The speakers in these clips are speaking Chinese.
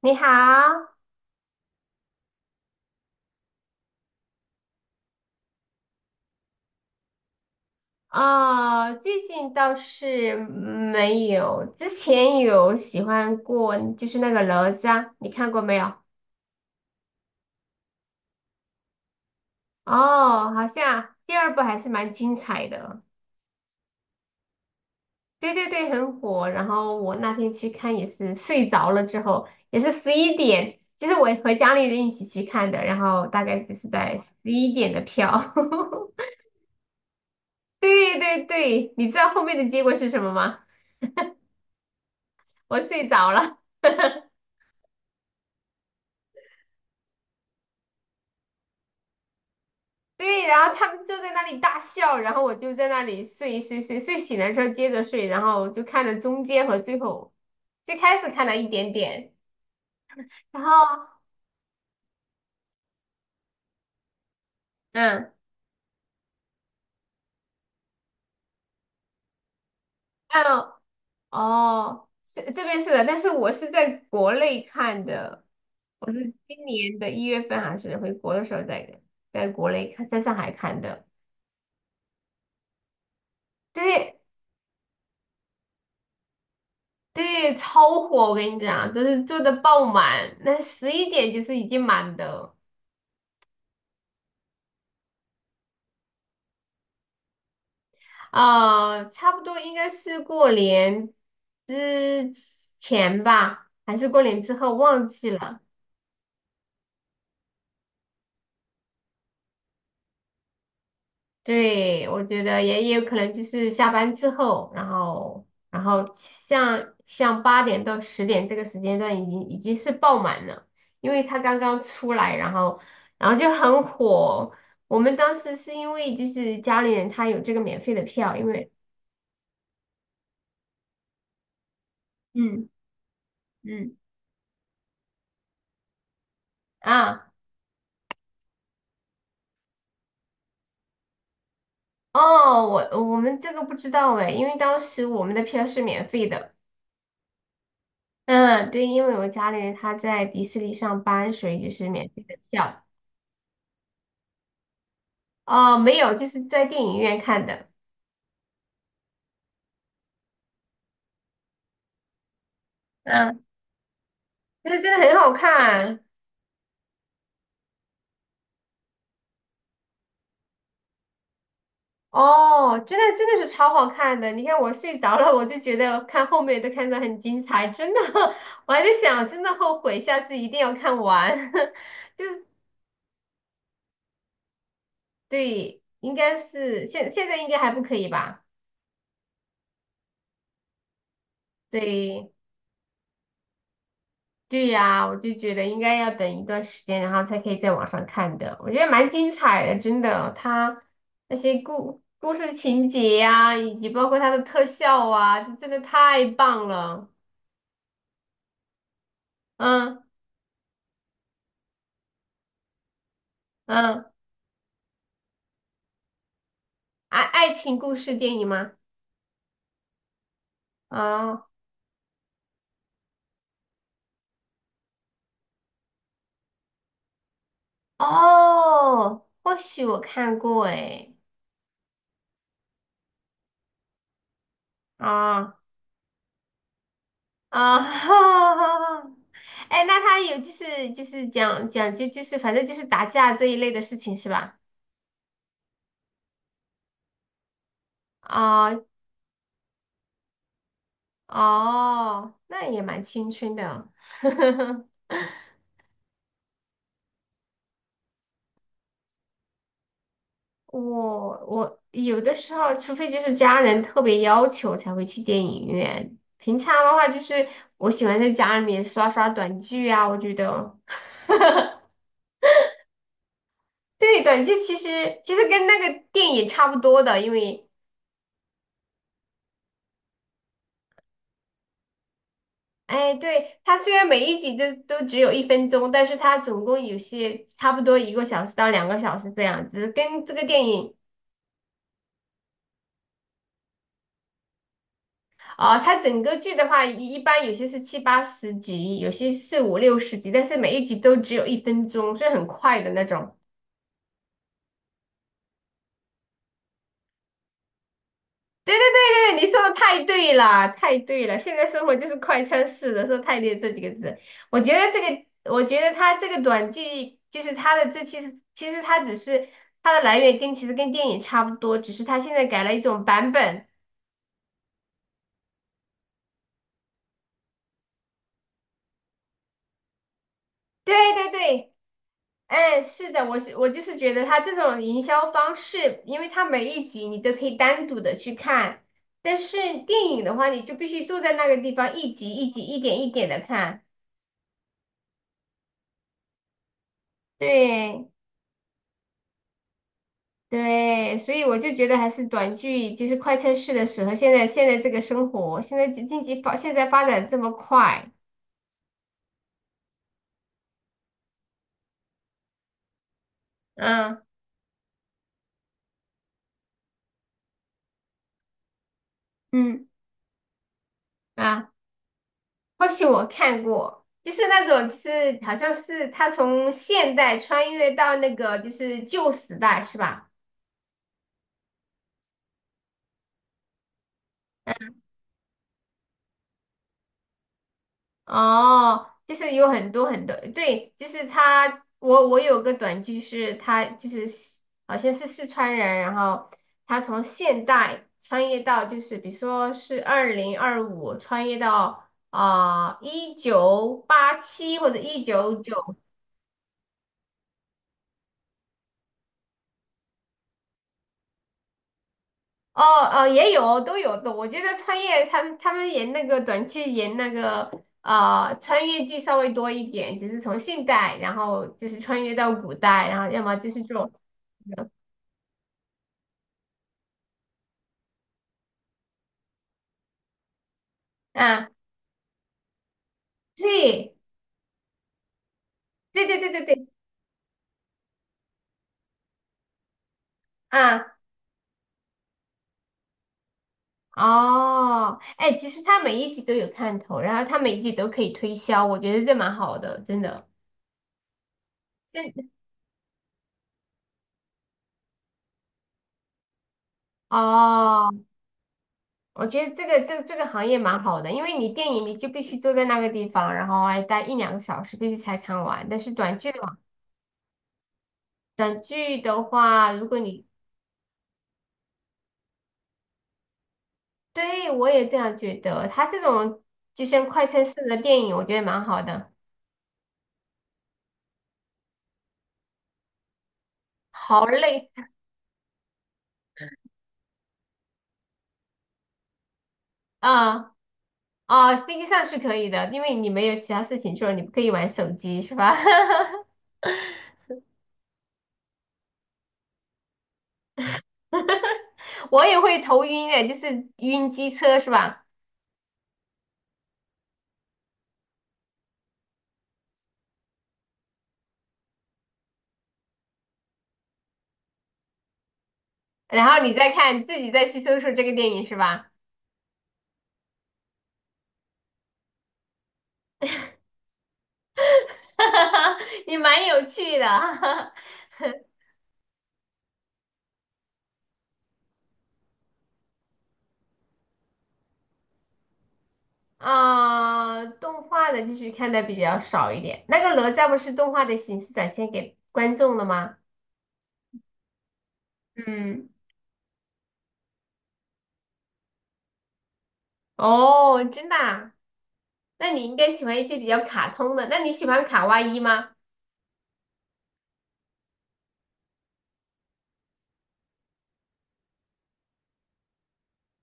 你好。哦，最近倒是没有，之前有喜欢过，就是那个哪吒，你看过没有？哦，好像第二部还是蛮精彩的。对对对，很火。然后我那天去看也是睡着了之后，也是十一点，就是我和家里人一起去看的，然后大概就是在十一点的票。对对对，你知道后面的结果是什么吗？我睡着了。对，然后他们就在那里大笑，然后我就在那里睡睡睡睡醒了之后接着睡，然后就看了中间和最后，最开始看了一点点，然后嗯嗯。哦，是这边是的，但是我是在国内看的，我是今年的1月份还是回国的时候在国内看，在上海看的。对对，超火，我跟你讲，都是坐的爆满，那十一点就是已经满的。啊，差不多应该是过年之前吧，还是过年之后忘记了。对，我觉得也有可能就是下班之后，然后像8点到10点这个时间段已经是爆满了，因为它刚刚出来，然后然后就很火。我们当时是因为就是家里人他有这个免费的票，因为嗯嗯啊。哦，我们这个不知道哎，因为当时我们的票是免费的。嗯，对，因为我家里人他在迪士尼上班，所以就是免费的票。哦，没有，就是在电影院看的。嗯，但是真的很好看。哦，真的真的是超好看的。你看我睡着了，我就觉得看后面都看得很精彩，真的。我还在想，真的后悔，下次一定要看完。就是对，应该是现在应该还不可以吧？对。对呀，我就觉得应该要等一段时间，然后才可以在网上看的。我觉得蛮精彩的，真的。它那些故事情节呀、以及包括它的特效啊，这真的太棒了。嗯嗯，爱情故事电影吗？啊，哦，或许我看过诶。啊，啊，哎，那它有就是就是讲讲就就是反正就是打架这一类的事情是吧？啊、哦，那也蛮青春的啊。我我有的时候，除非就是家人特别要求才会去电影院。平常的话，就是我喜欢在家里面刷刷短剧啊。我觉得，对，短剧其实跟那个电影差不多的，因为，哎，对，它虽然每一集都只有一分钟，但是它总共有些差不多1个小时到2个小时这样子，跟这个电影。啊，它整个剧的话，一般有些是七八十集，有些是五六十集，但是每一集都只有一分钟，所以很快的那种。对对对对，你说的太对了，太对了。现在生活就是快餐式的，说太对这几个字。我觉得这个，我觉得它这个短剧，就是它的这其实它只是它的来源跟其实跟电影差不多，只是它现在改了一种版本。对对对。哎，是的，我就是觉得他这种营销方式，因为他每一集你都可以单独的去看，但是电影的话，你就必须坐在那个地方一集一集一点一点的看。对对，所以我就觉得还是短剧就是快餐式的适合现在这个生活，现在经济发现在发展这么快，嗯嗯。啊，或许我看过。就是那种是，好像是他从现代穿越到那个就是旧时代，是吧？哦，就是有很多很多，对，就是他，我有个短剧是他就是西好像是四川人，然后他从现代穿越到就是比如说是2025穿越到啊1987或者一九九，哦，哦也有都有的，我觉得穿越他们演那个短剧演那个。呃，穿越剧稍微多一点，就是从现代，然后就是穿越到古代，然后要么就是这种。啊，对，对对对对对，啊，哦，哎，其实它每一集都有看头，然后它每一集都可以推销，我觉得这蛮好的，真的。这哦，我觉得这个行业蛮好的，因为你电影你就必须坐在那个地方，然后还待一两个小时，必须才看完。但是短剧的话，短剧的话，如果你对我也这样觉得，它这种就像快餐式的电影，我觉得蛮好的，好累啊。哦，飞机上是可以的，因为你没有其他事情做，你不可以玩手机是吧？我也会头晕的，就是晕机车是吧？然后你再看自己再去搜索这个电影是吧？也蛮有趣的。啊，动画的继续看的比较少一点。那个哪吒不是动画的形式展现给观众的吗？嗯，哦，真的啊？那你应该喜欢一些比较卡通的。那你喜欢卡哇伊吗？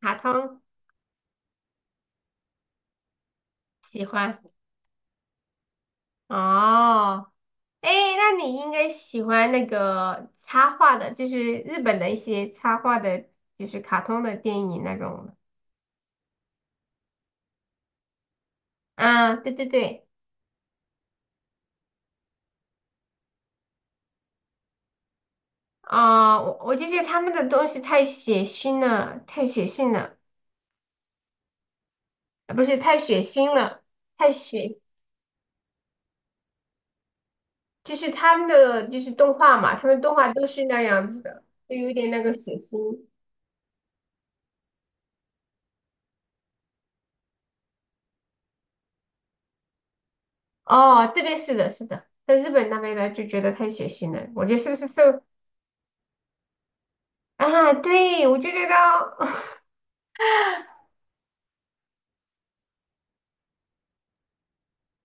卡通喜欢。哦，哎，那你应该喜欢那个插画的，就是日本的一些插画的，就是卡通的电影那种的。啊，嗯对对对，啊、我就觉得他们的东西太血腥了，太血腥了。啊，不是太血腥了，太血，就是他们的就是动画嘛，他们动画都是那样子的，就有点那个血腥。哦，这边是的，是的，在日本那边呢就觉得太血腥了，我觉得是不是受？啊，对，我就觉得，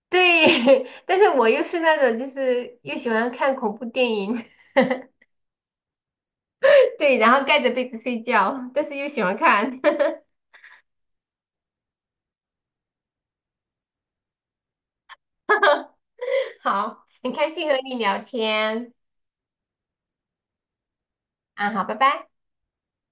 对，但是我又是那种就是又喜欢看恐怖电影。对，然后盖着被子睡觉，但是又喜欢看。好，很开心和你聊天。啊，好，拜拜。